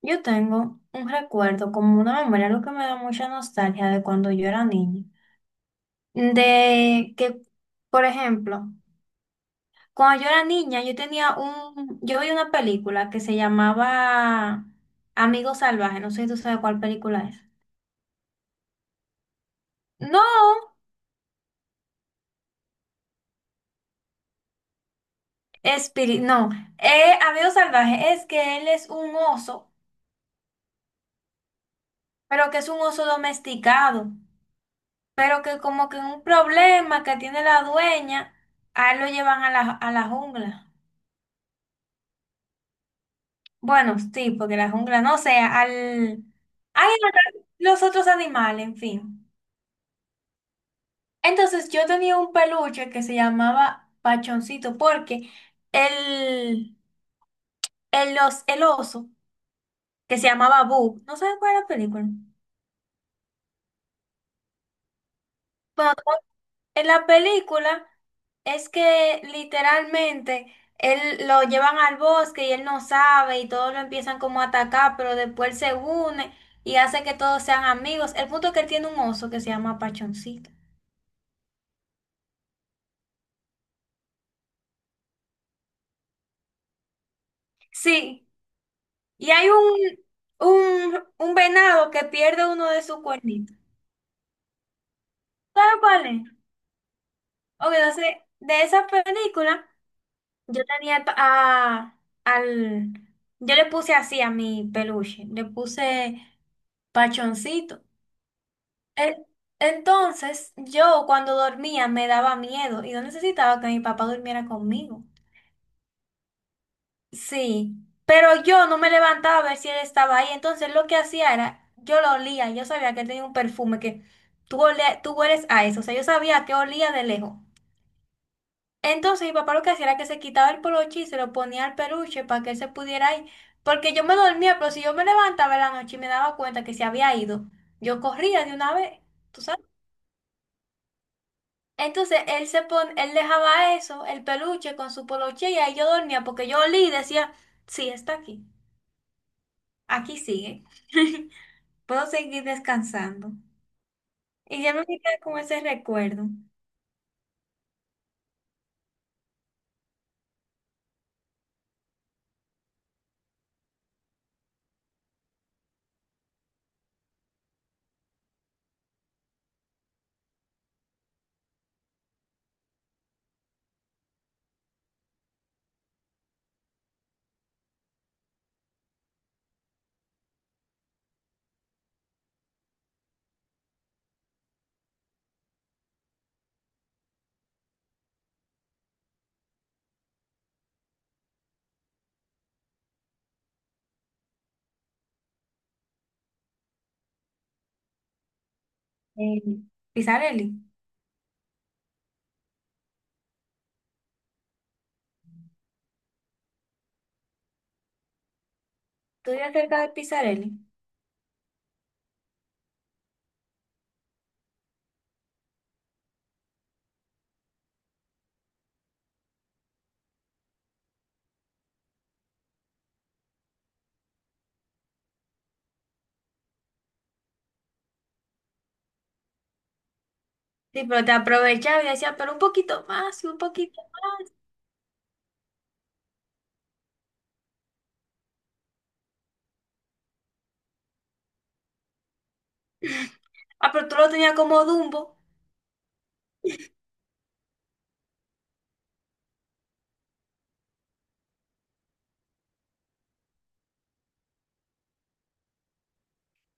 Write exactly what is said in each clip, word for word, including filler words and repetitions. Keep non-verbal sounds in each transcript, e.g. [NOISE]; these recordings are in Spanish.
Yo tengo un recuerdo, como una memoria, lo que me da mucha nostalgia de cuando yo era niña. De que, por ejemplo, cuando yo era niña, yo tenía un, yo vi una película que se llamaba Amigo Salvaje. No sé si tú sabes cuál película es. No, Espíritu, no, eh, Amigo Salvaje es que él es un oso, pero que es un oso domesticado, pero que como que un problema que tiene la dueña, a él lo llevan a la, a la jungla. Bueno, sí, porque la jungla, no sé, al... Hay los otros animales, en fin. Entonces yo tenía un peluche que se llamaba Pachoncito, porque el, el, os- el oso, que se llamaba Boo, no sé cuál es la película. Bueno, en la película es que literalmente él lo llevan al bosque y él no sabe y todos lo empiezan como a atacar, pero después él se une y hace que todos sean amigos. El punto es que él tiene un oso que se llama Pachoncito. Sí, y hay un, un, un venado que pierde uno de sus cuernitos. ¿Sabes cuál es? Ok, entonces, de esa película, yo tenía pa- a, al... yo le puse así a mi peluche, le puse Pachoncito. En- Entonces, yo cuando dormía me daba miedo y no necesitaba que mi papá durmiera conmigo. Sí, pero yo no me levantaba a ver si él estaba ahí. Entonces lo que hacía era, yo lo olía, yo sabía que él tenía un perfume que tú, olea- tú hueles a eso, o sea, yo sabía que olía de lejos. Entonces mi papá lo que hacía era que se quitaba el poloche y se lo ponía al peluche para que él se pudiera ir, porque yo me dormía, pero si yo me levantaba en la noche y me daba cuenta que se había ido, yo corría de una vez, ¿tú sabes? Entonces él se pon, él dejaba eso, el peluche con su poloche y ahí yo dormía porque yo olía y decía, sí, está aquí. Aquí sigue. [LAUGHS] Puedo seguir descansando. Y ya me quedé con ese recuerdo. Eh, Pisarelli. Estoy acerca de Pisarelli. Sí, pero te aprovechaba y decía, pero un poquito más, y un poquito. Ah, pero tú lo tenías como Dumbo.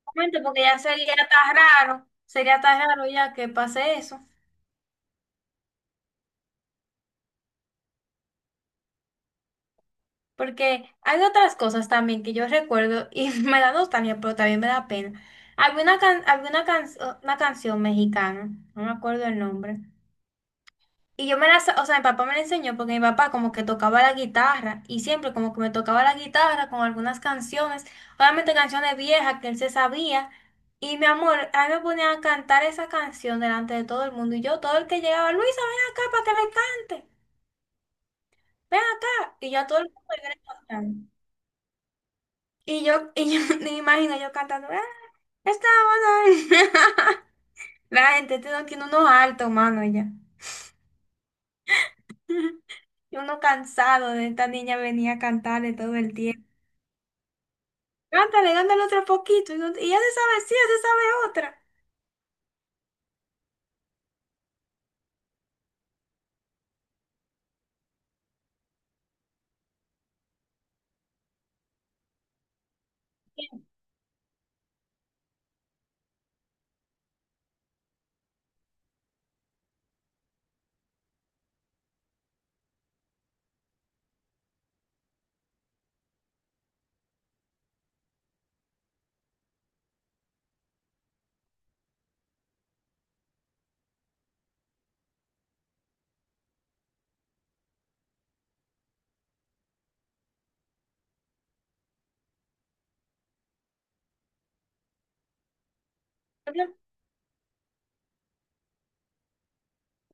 Obviamente, porque ya sería tan raro. Sería tan raro ya que pase eso. Porque hay otras cosas también que yo recuerdo y [LAUGHS] me da nostalgia, pero también me da pena. Había una, can- había una, can- una canción mexicana, no me acuerdo el nombre. Y yo me la, sa- o sea, mi papá me la enseñó porque mi papá como que tocaba la guitarra y siempre como que me tocaba la guitarra con algunas canciones, obviamente canciones viejas que él se sabía. Y mi amor, a mí me ponía a cantar esa canción delante de todo el mundo, y yo, todo el que llegaba: Luisa, ven acá para que le cante, ven acá. Y ya todo el mundo me viene cantando. Y yo, y yo [LAUGHS] me imagino yo cantando, "Ah, estamos ahí". [LAUGHS] La gente tiene tiene unos altos, mano, ya. [LAUGHS] Y uno cansado de esta niña venía a cantarle todo el tiempo. Cántale, dándole otro poquito. Y, no- y ya se sabe, sí, ya se sabe otra.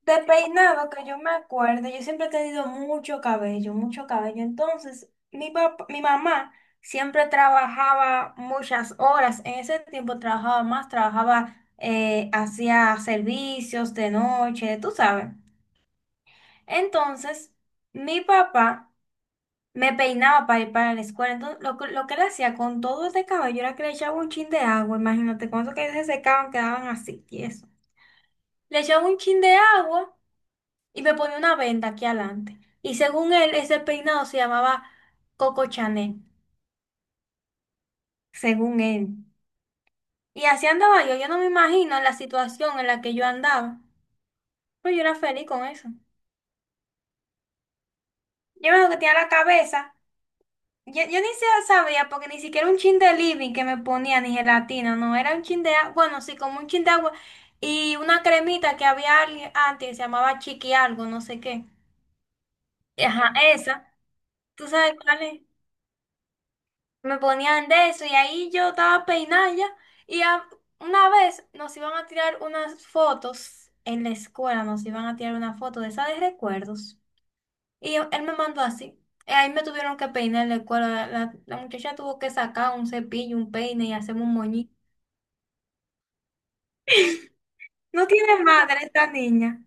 De peinado, que yo me acuerdo, yo siempre he tenido mucho cabello, mucho cabello. Entonces, mi papá, mi mamá siempre trabajaba muchas horas. En ese tiempo trabajaba más, trabajaba, eh, hacía servicios de noche, tú sabes. Entonces, mi papá me peinaba para ir para la escuela. Entonces, lo, que- lo que le hacía con todo este cabello era que le echaba un chin de agua. Imagínate, cuando que se secaban quedaban así, tiesos. Le echaba un chin de agua y me ponía una venda aquí adelante. Y según él, ese peinado se llamaba Coco Chanel, según él. Y así andaba yo. Yo no me imagino la situación en la que yo andaba. Pero yo era feliz con eso. Yo me acuerdo que tenía la cabeza. Yo, yo ni siquiera sabía, porque ni siquiera un chin de living que me ponía, ni gelatina, no, era un chin de agua, bueno, sí, como un chin de agua y una cremita que había al- antes, que se llamaba chiqui algo, no sé qué. Ajá, esa, ¿tú sabes cuál es? Me ponían de eso y ahí yo estaba peinada ya y a- una vez nos iban a tirar unas fotos en la escuela, nos iban a tirar una foto de esa de recuerdos. Y yo- él me mandó así. Y ahí me tuvieron que peinar el cuero. La, la- la muchacha tuvo que sacar un cepillo, un peine y hacerme un moñito. No tiene madre esta niña.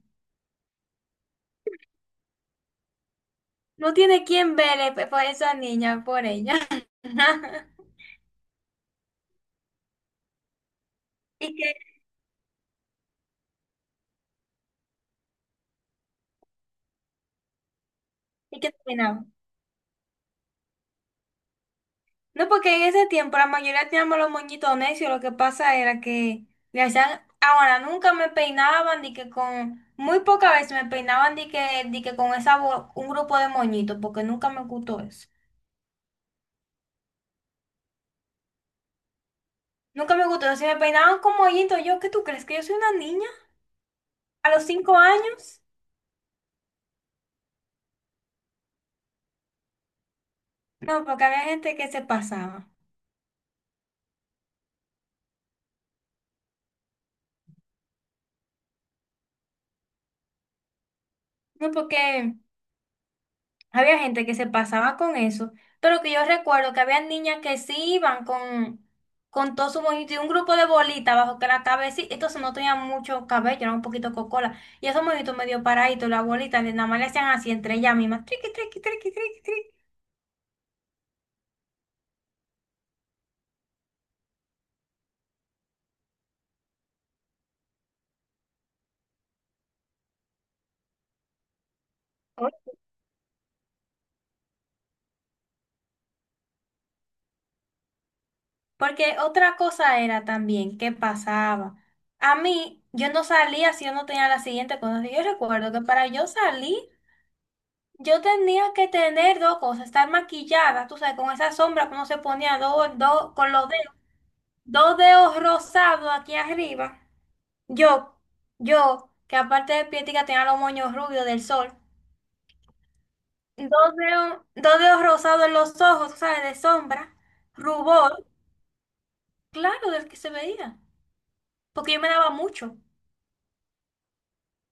No tiene quien vele pe- por esa niña, por ella. [LAUGHS] ¿Y que y que terminaba? No, porque en ese tiempo la mayoría teníamos los moñitos necios. Lo que pasa era que le hacían. Ahora, nunca me peinaban, ni que con. Muy pocas veces me peinaban, ni que, ni que con esa, bo- un grupo de moñitos, porque nunca me gustó eso. Nunca me gustó. Si me peinaban como hoyito, yo, ¿qué tú crees? ¿Que yo soy una niña? ¿A los cinco años? No, porque había gente que se pasaba. No, porque había gente que se pasaba con eso. Pero que yo recuerdo que había niñas que sí iban con, con todo su moñito y un grupo de bolitas bajo que la cabeza, entonces no tenía mucho cabello, era un poquito cocola. Y esos moñitos medio paraditos, las bolitas, nada más le hacían así entre ellas mismas. Triqui, triqui, triqui, triqui, triqui. Porque otra cosa era también qué pasaba. A mí, yo no salía si yo no tenía la siguiente cosa. Yo recuerdo que para yo salir, yo tenía que tener dos cosas: estar maquillada, tú sabes, con esa sombra que uno se ponía dos, dos, con los dedos, dos dedos rosados aquí arriba. Yo, yo, que aparte de pietica tenía los moños rubios del sol, dos dedos, dos dedos rosados en los ojos, tú sabes, de sombra, rubor, claro, del que se veía, porque yo me daba mucho.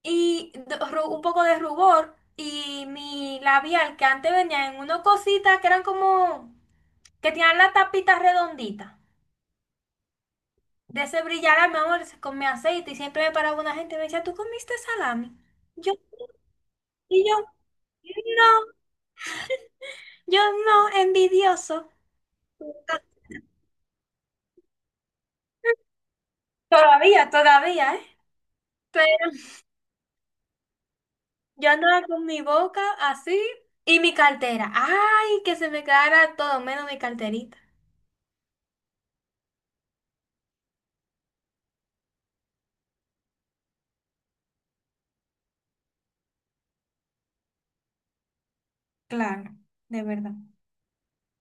Y de- ru- un poco de rubor y mi labial, que antes venía en unas cositas que eran como que tenían la tapita redondita. De ese brillar, mi amor, con mi aceite, y siempre me paraba una gente y me decía, ¿tú comiste salami? Yo, y yo, no, yo no, envidioso. Todavía, todavía, ¿eh? Pero yo andaba con mi boca así y mi cartera. Ay, que se me quedara todo menos mi carterita. Claro, de verdad.